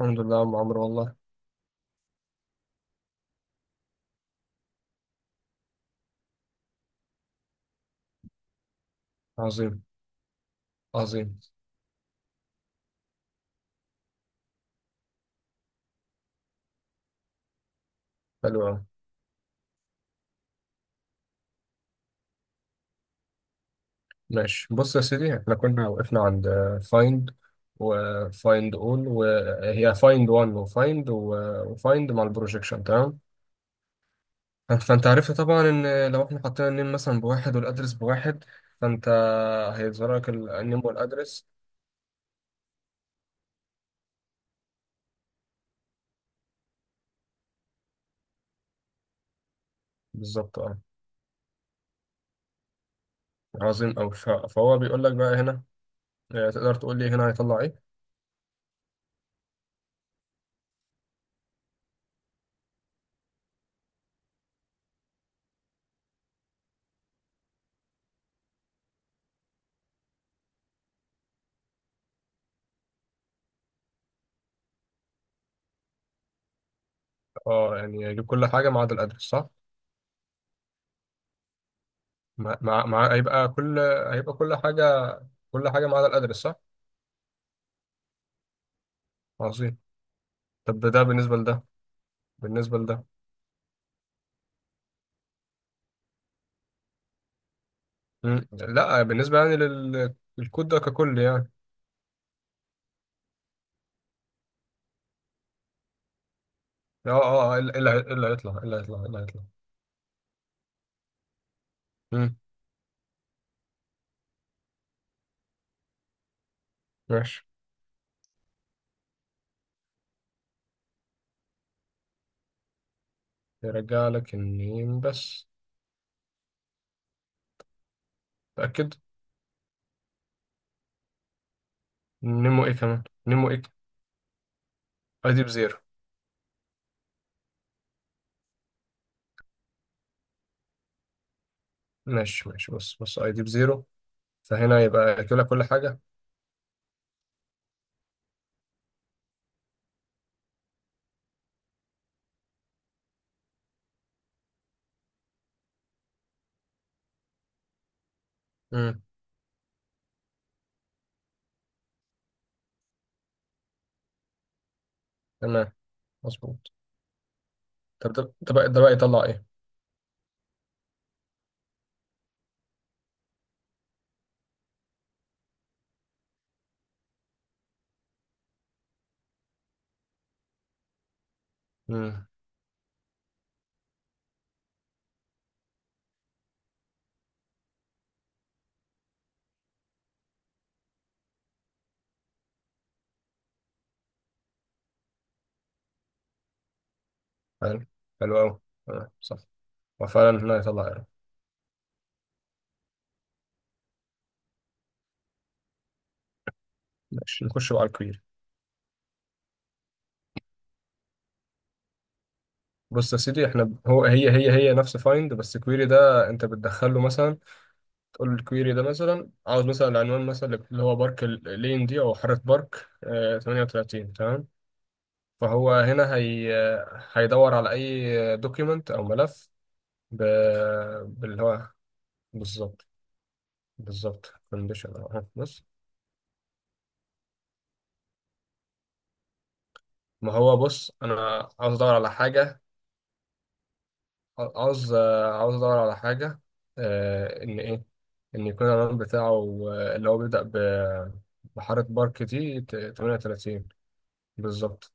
الحمد لله يا عم عمرو والله. عظيم عظيم. حلو أوي. ماشي، بص يا سيدي، احنا كنا وقفنا عند فايند، وفايند اول، وهي فايند 1، وفايند مع البروجيكشن. تمام. فأنت عرفت طبعا ان لو احنا حطينا النيم مثلا بواحد والادرس بواحد، فانت هيظهر لك النيم والادرس. بالظبط، اه. عظيم أوي. فهو بيقول لك بقى هنا، تقدر تقول لي هنا هيطلع ايه؟ اه، يعني يجيب كل حاجه ما عدا الادرس، صح. هيبقى كل، هيبقى كل حاجة، كل حاجة ما عدا الأدرس، صح؟ عظيم. طب ده بالنسبة لده، بالنسبة لده. لا، بالنسبة يعني للكود ده ككل يعني. إيه اللي هيطلع؟ مم. ماشي، يرجع لك النيم بس. تأكد. نيمو ايه كمان، نيمو ايه؟ اي دي بزيرو. ماشي ماشي، بص بص، اي دي بزيرو. فهنا يبقى ياكلها كل حاجة. مم. تمام، مظبوط. طب ده بقى، ده بقى يطلع ايه؟ مم. حلو، حلو أوي. تمام، صح. وفعلا هنا يطلع ايرور. ماشي، نخش بقى على الكويري. بص يا سيدي، احنا هو هي هي هي نفس فايند، بس الكويري ده انت بتدخله مثلا. تقول له الكويري ده مثلا عاوز مثلا العنوان، مثلا اللي هو بارك اللين دي، او حارة بارك، 38. تمام. فهو هنا هيدور على اي دوكيمنت او ملف ب... باللي هو. بالظبط. بالظبط، كونديشن اهو، بص. ما هو بص، انا عاوز ادور على حاجه، عاوز عاوز ادور على حاجه، ان ايه، ان يكون العنوان بتاعه، اللي هو بيبدا بحاره بارك دي 38. بالظبط.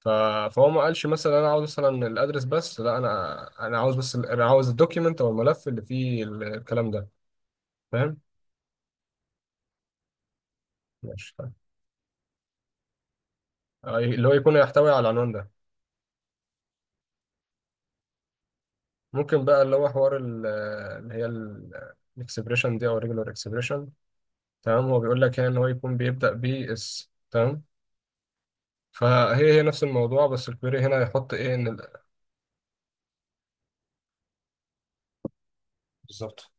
ف- فهو ما قالش مثلا انا عاوز مثلا الادرس بس، لا، انا عاوز بس انا عاوز الدوكيمنت او الملف اللي فيه الكلام ده، فاهم؟ ماشي، طيب. اللي هو يكون يحتوي على العنوان ده. ممكن بقى اللي هو حوار اللي هي الاكسبريشن دي او ريجولار اكسبريشن. تمام، هو بيقول لك هنا ان هو يكون بيبدا بي اس. تمام، فهي نفس الموضوع، بس الكويري هنا يحط ايه ان بالظبط،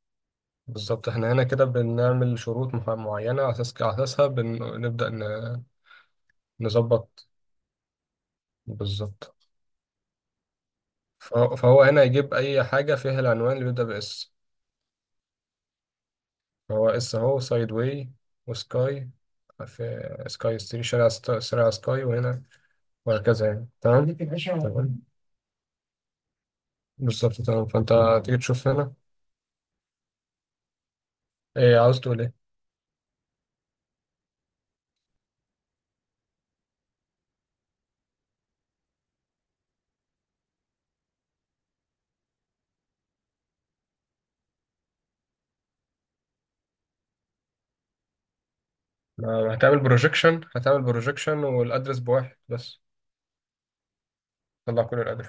بالظبط. احنا هنا كده بنعمل شروط معينة، على اساسها بنبدأ نظبط. بالظبط. فهو هنا يجيب اي حاجة فيها العنوان اللي بيبدأ باس. فهو اس اهو، سايد واي وسكاي، في سكاي ستري، شارع شارع سكاي، وهنا، وهكذا يعني. تمام تمام، بالظبط. تمام، فانت تيجي تشوف هنا، ايه عاوز تقول ايه؟ ما هتعمل بروجيكشن، هتعمل بروجيكشن والادرس بواحد بس. طلع كل القدر.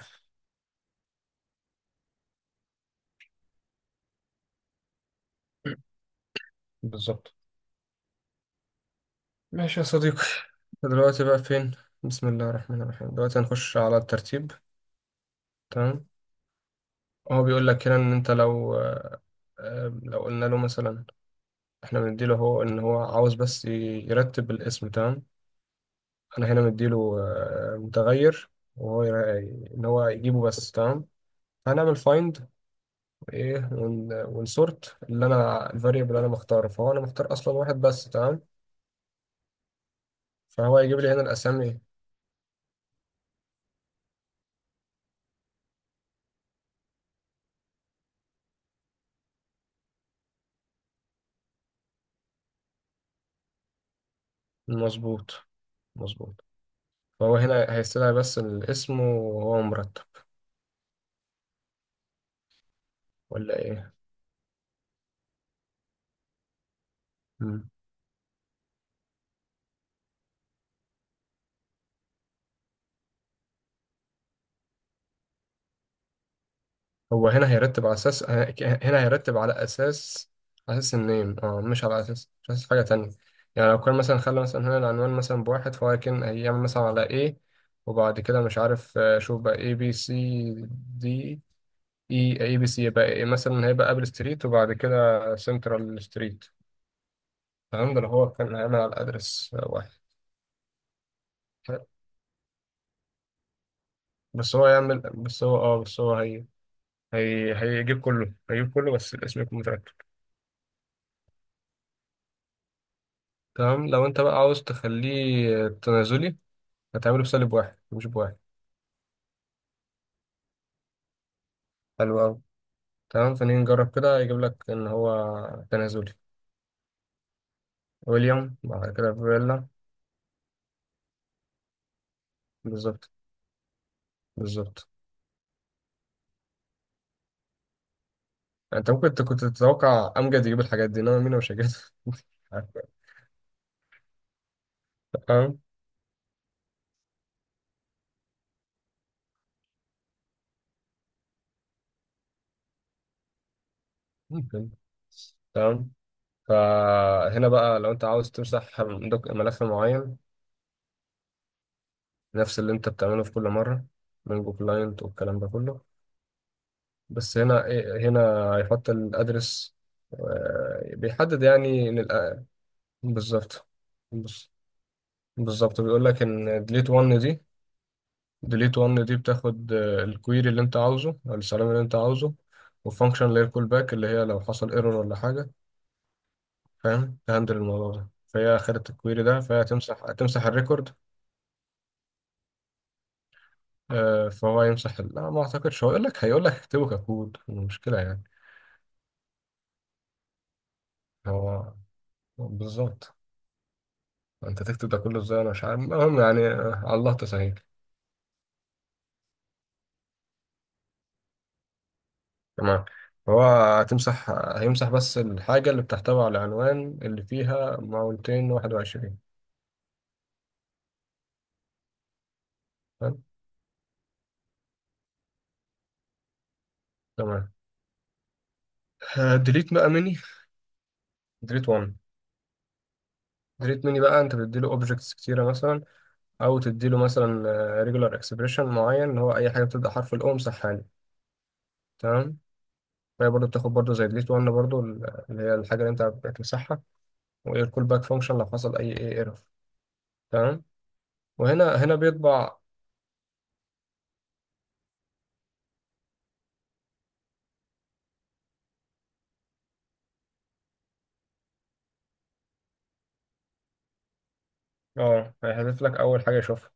بالظبط. ماشي يا صديقي، دلوقتي بقى فين؟ بسم الله الرحمن الرحيم، دلوقتي هنخش على الترتيب. تمام، هو بيقول لك هنا ان انت لو، لو قلنا له مثلا احنا بنديله هو، ان هو عاوز بس يرتب الاسم. تمام، انا هنا مديله متغير، وهو يرا- ان هو يجيبه بس. تمام، هنعمل فايند ايه، ونسورت اللي انا الفاريبل اللي انا مختاره، فهو انا مختار اصلا واحد بس. تمام، فهو هيجيب لي هنا الاسامي. المظبوط، مظبوط. فهو هنا هيستدعي بس الاسم وهو مرتب، ولا ايه؟ مم. هو هنا هيرتب على اساس على اساس النيم، اه، مش على اساس، حاجة تانية. يعني لو كان مثلا خلى مثلا هنا العنوان مثلا بواحد، فهو كان هيعمل مثلا على ايه، وبعد كده مش عارف، شوف بقى اي بي سي دي. اي بي سي يبقى إيه، مثلا هيبقى ابل ستريت، وبعد كده سنترال ستريت، فاهم؟ ده اللي هو كان هيعمل على ادرس واحد، بس هو هي هيجيب كله بس الاسم يكون مترتب. تمام، لو انت بقى عاوز تخليه تنازلي، هتعمله بسالب واحد مش بواحد. حلو أوي. تمام، فنيجي نجرب كده يجيب لك ان هو تنازلي، ويليام بعد كده فيلا. بالظبط بالظبط. انت ممكن كنت تتوقع امجد يجيب الحاجات دي، انما مين مش هيجيب. تمام. ممكن. تمام، فهنا بقى لو انت عاوز تمسح ملف معين، نفس اللي انت بتعمله في كل مرة، من جو كلاينت والكلام ده كله. بس هنا، هنا هيحط الأدرس. بيحدد يعني إن بالظبط. بص- بالظبط، بيقول لك إن delete one دي، delete one دي بتاخد الكويري اللي أنت عاوزه أو السلام اللي أنت عاوزه، والفانكشن اللي هي الكول باك، اللي هي لو حصل ايرور ولا حاجة، فاهم؟ تهندل الموضوع ده، فهي خدت الكويري ده، فهي هتمسح الريكورد. فهو يمسح لا، ما أعتقدش، هو يقول لك هيقول لك اكتبه ككود، المشكلة يعني، هو بالظبط انت تكتب ده كله ازاي؟ انا مش عارف، المهم يعني، على الله تسهيل. تمام، هو هيمسح بس الحاجة اللي بتحتوي على العنوان اللي فيها 221. تمام، تمام. ديليت بقى مني، ديليت 1. ديليت مني بقى، انت بتديله اوبجكتس كتيرة مثلا، او تديله مثلا ريجولار اكسبريشن معين، اللي هو اي حاجة بتبدأ حرف الاو امسحها لي. تمام، فهي برضه بتاخد برضه زي ديليت 1 برضه اللي هي الحاجة اللي انت بتمسحها، وايه الكول باك فانكشن لو حصل اي ايه ايرور. تمام، هنا بيطبع، اه، هيحذف لك اول حاجه يشوفها،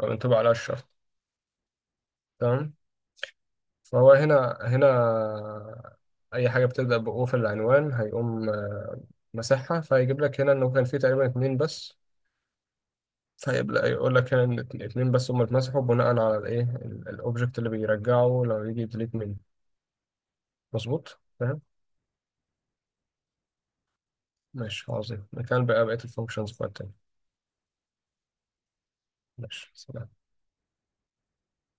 او ينطبع عليها الشرط. تمام. فهو هنا، اي حاجه بتبدا بأو في العنوان، هيقوم مسحها، فهيجيب لك هنا انه كان فيه تقريبا اتنين بس. فيبدا يقول لك هنا ان اتنين بس هم اتمسحوا، بناء على الاوبجكت اللي بيرجعه لو يجي ديليت منه. مظبوط، فاهم. ماشي، عظيم. مكان بقى بقيه الفانكشنز بتاعتنا. ماشي، سلام.